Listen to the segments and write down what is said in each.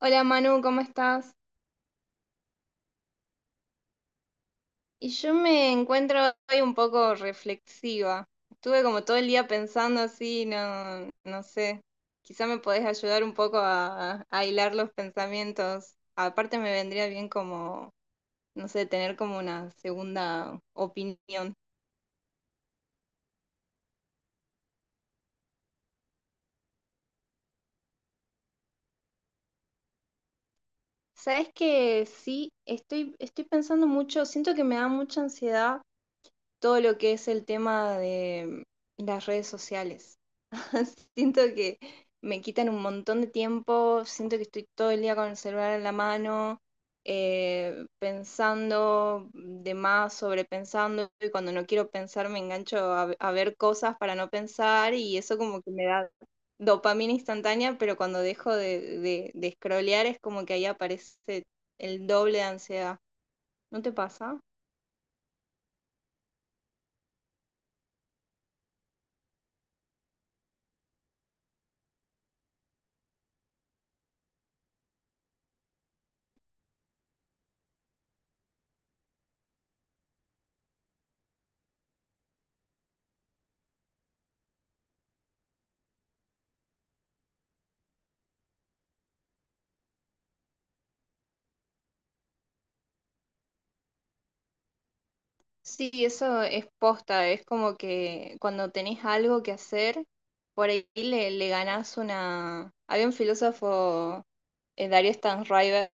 Hola Manu, ¿cómo estás? Y yo me encuentro hoy un poco reflexiva. Estuve como todo el día pensando así, no, no sé. Quizá me podés ayudar un poco a hilar los pensamientos. Aparte me vendría bien como, no sé, tener como una segunda opinión. Sabes que sí, estoy pensando mucho, siento que me da mucha ansiedad todo lo que es el tema de las redes sociales. Siento que me quitan un montón de tiempo, siento que estoy todo el día con el celular en la mano, pensando de más, sobrepensando, y cuando no quiero pensar me engancho a ver cosas para no pensar y eso como que me da dopamina instantánea, pero cuando dejo de scrollear es como que ahí aparece el doble de ansiedad. ¿No te pasa? Sí, eso es posta, es como que cuando tenés algo que hacer, por ahí le ganás una. Había un filósofo, Darío Stanriver,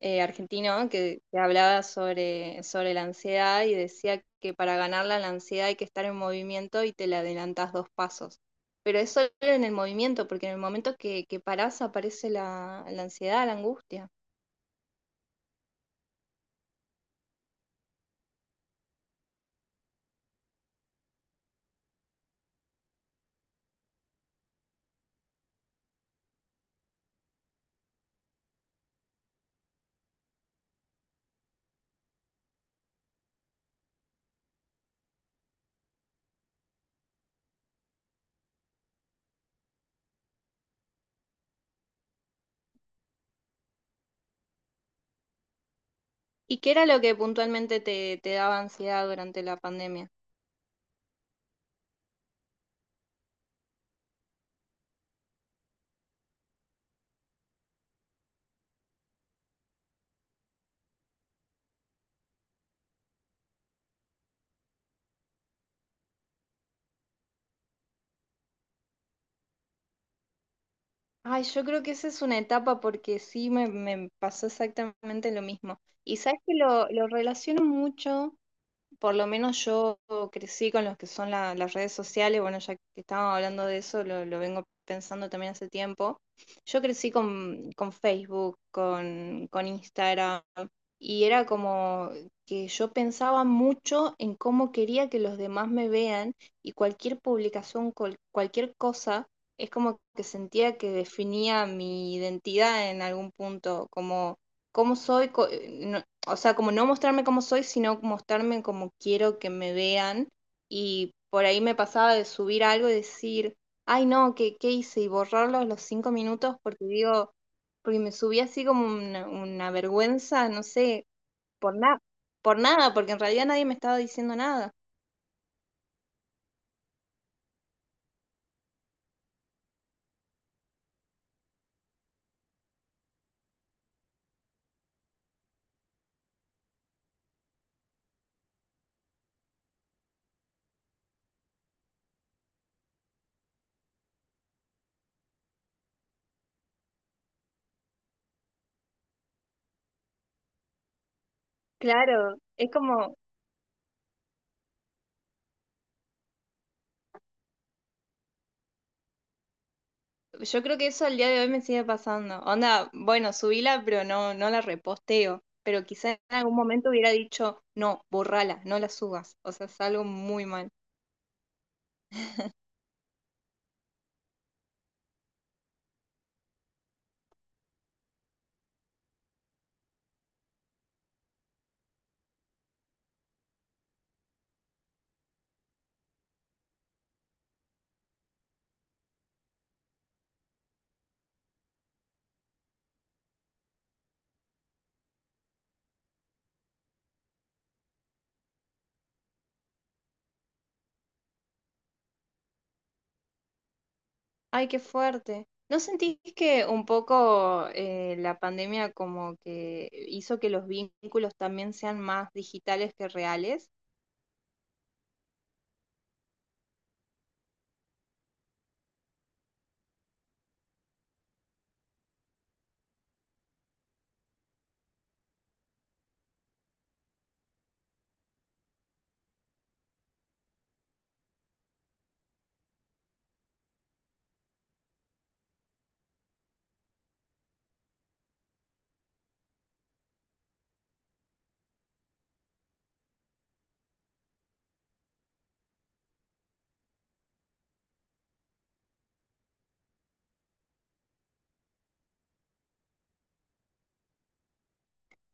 argentino, que hablaba sobre la ansiedad y decía que para ganarla la ansiedad hay que estar en movimiento y te la adelantás dos pasos. Pero es solo en el movimiento, porque en el momento que parás aparece la ansiedad, la angustia. ¿Y qué era lo que puntualmente te daba ansiedad durante la pandemia? Ay, yo creo que esa es una etapa porque sí me pasó exactamente lo mismo. Y sabes que lo relaciono mucho, por lo menos yo crecí con los que son las redes sociales. Bueno, ya que estábamos hablando de eso, lo vengo pensando también hace tiempo. Yo crecí con Facebook, con Instagram, y era como que yo pensaba mucho en cómo quería que los demás me vean, y cualquier publicación, cualquier cosa, es como que sentía que definía mi identidad en algún punto, como cómo soy. O sea, como no mostrarme como soy, sino mostrarme como quiero que me vean. Y por ahí me pasaba de subir algo y decir, ay no, ¿qué hice? Y borrarlo a los 5 minutos porque digo, porque me subí así como una vergüenza, no sé, por nada, por nada, porque en realidad nadie me estaba diciendo nada. Claro, es como, yo creo que eso al día de hoy me sigue pasando. Onda, bueno, subíla, pero no, no la reposteo. Pero quizá en algún momento hubiera dicho, no, borrala, no la subas. O sea, es algo muy mal. Ay, qué fuerte. ¿No sentís que un poco la pandemia como que hizo que los vínculos también sean más digitales que reales?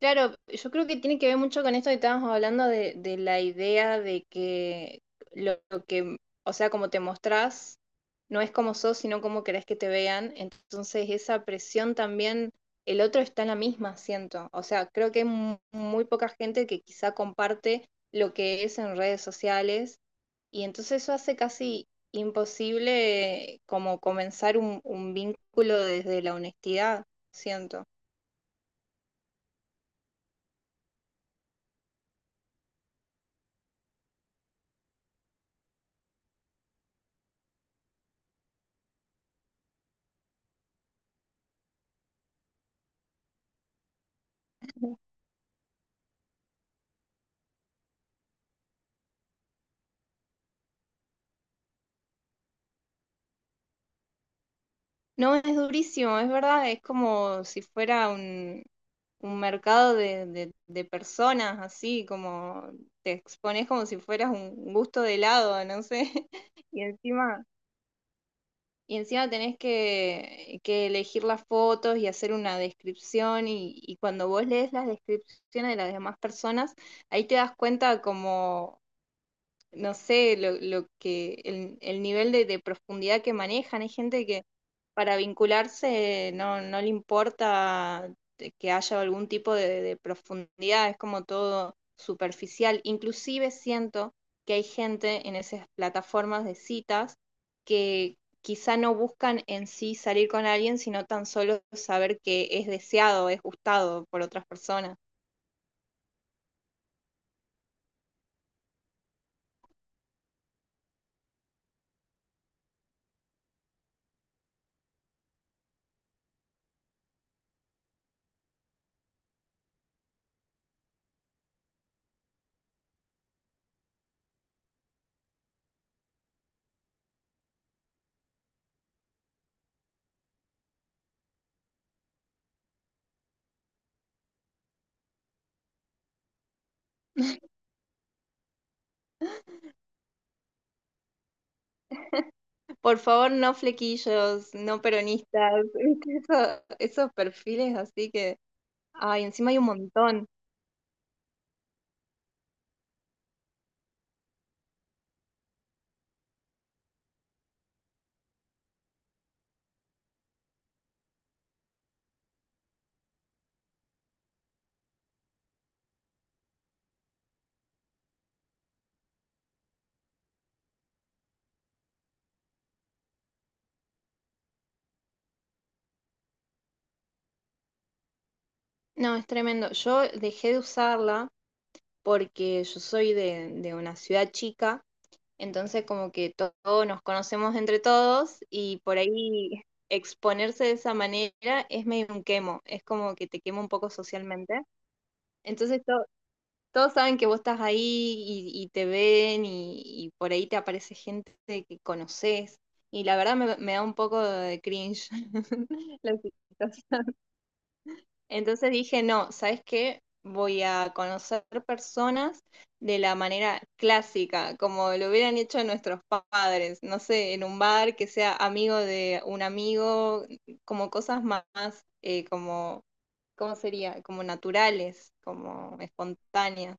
Claro, yo creo que tiene que ver mucho con esto que estábamos hablando de la idea de que lo que, o sea, como te mostrás no es como sos, sino como querés que te vean. Entonces esa presión también, el otro está en la misma, siento. O sea, creo que hay muy poca gente que quizá comparte lo que es en redes sociales, y entonces eso hace casi imposible como comenzar un vínculo desde la honestidad, siento. No, es durísimo, es verdad, es como si fuera un mercado de personas, así como te expones como si fueras un gusto de helado, no sé, y encima, y encima tenés que elegir las fotos y hacer una descripción, y cuando vos lees las descripciones de las demás personas, ahí te das cuenta como, no sé, el nivel de profundidad que manejan. Hay gente que para vincularse no, no le importa de que haya algún tipo de profundidad, es como todo superficial. Inclusive siento que hay gente en esas plataformas de citas que quizá no buscan en sí salir con alguien, sino tan solo saber que es deseado, es gustado por otras personas. Por favor, no flequillos, no peronistas, ¿viste? Esos perfiles así que, ay, encima hay un montón. No, es tremendo. Yo dejé de usarla porque yo soy de una ciudad chica, entonces como que todos nos conocemos entre todos, y por ahí exponerse de esa manera es medio un quemo, es como que te quema un poco socialmente. Entonces to- Todos saben que vos estás ahí y te ven, y por ahí te aparece gente que conoces. Y la verdad me da un poco de cringe la situación. Entonces dije, no, ¿sabes qué? Voy a conocer personas de la manera clásica, como lo hubieran hecho nuestros padres, no sé, en un bar, que sea amigo de un amigo, como cosas más, como, ¿cómo sería? Como naturales, como espontáneas.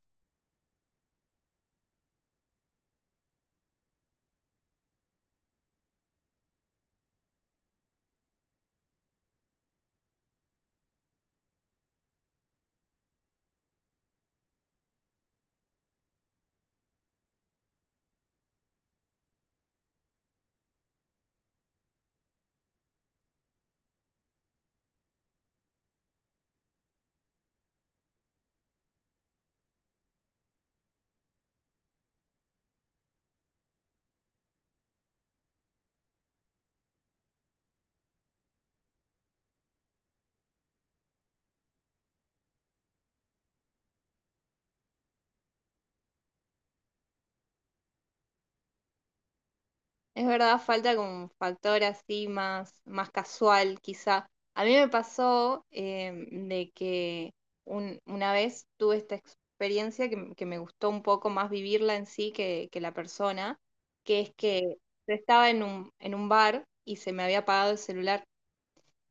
Es verdad, falta como un factor así más, más casual, quizá. A mí me pasó, de que una vez tuve esta experiencia, que, que me gustó un poco más vivirla en sí que la persona, que es que yo estaba en un bar y se me había apagado el celular.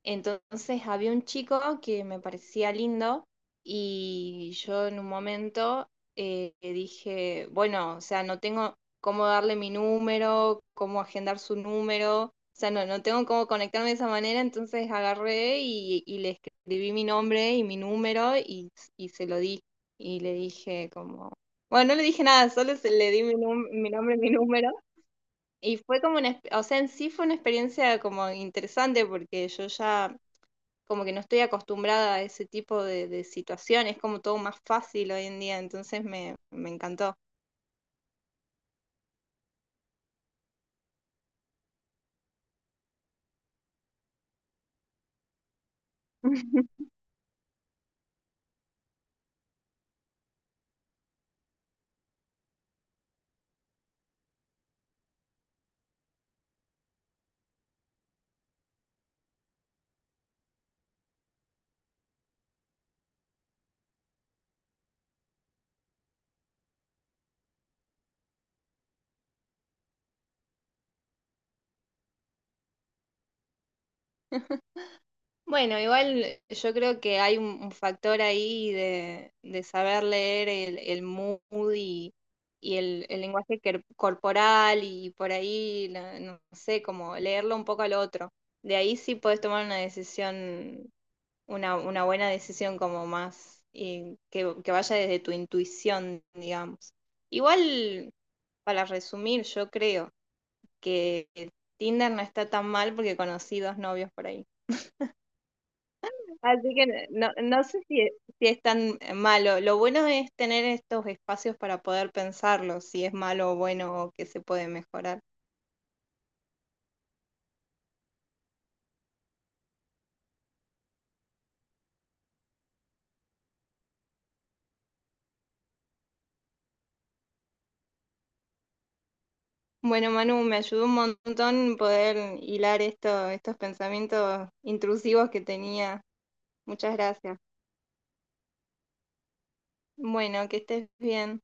Entonces había un chico que me parecía lindo, y yo en un momento dije, bueno, o sea, no tengo cómo darle mi número, cómo agendar su número, o sea, no, no tengo cómo conectarme de esa manera. Entonces agarré y le escribí mi nombre y mi número, y se lo di. Y le dije como, bueno, no le dije nada, solo se le di mi nombre y mi número. Y fue como o sea, en sí fue una experiencia como interesante, porque yo ya como que no estoy acostumbrada a ese tipo de situaciones, es como todo más fácil hoy en día, entonces me encantó. Bueno, igual yo creo que hay un factor ahí de saber leer el mood y, y el lenguaje corporal, y por ahí, no sé, como leerlo un poco al otro. De ahí sí puedes tomar una decisión, una buena decisión, como más que vaya desde tu intuición, digamos. Igual, para resumir, yo creo que Tinder no está tan mal porque conocí dos novios por ahí. Así que no, no sé si es tan malo. Lo bueno es tener estos espacios para poder pensarlo, si es malo o bueno o que se puede mejorar. Bueno, Manu, me ayudó un montón poder hilar estos pensamientos intrusivos que tenía. Muchas gracias. Bueno, que estés bien.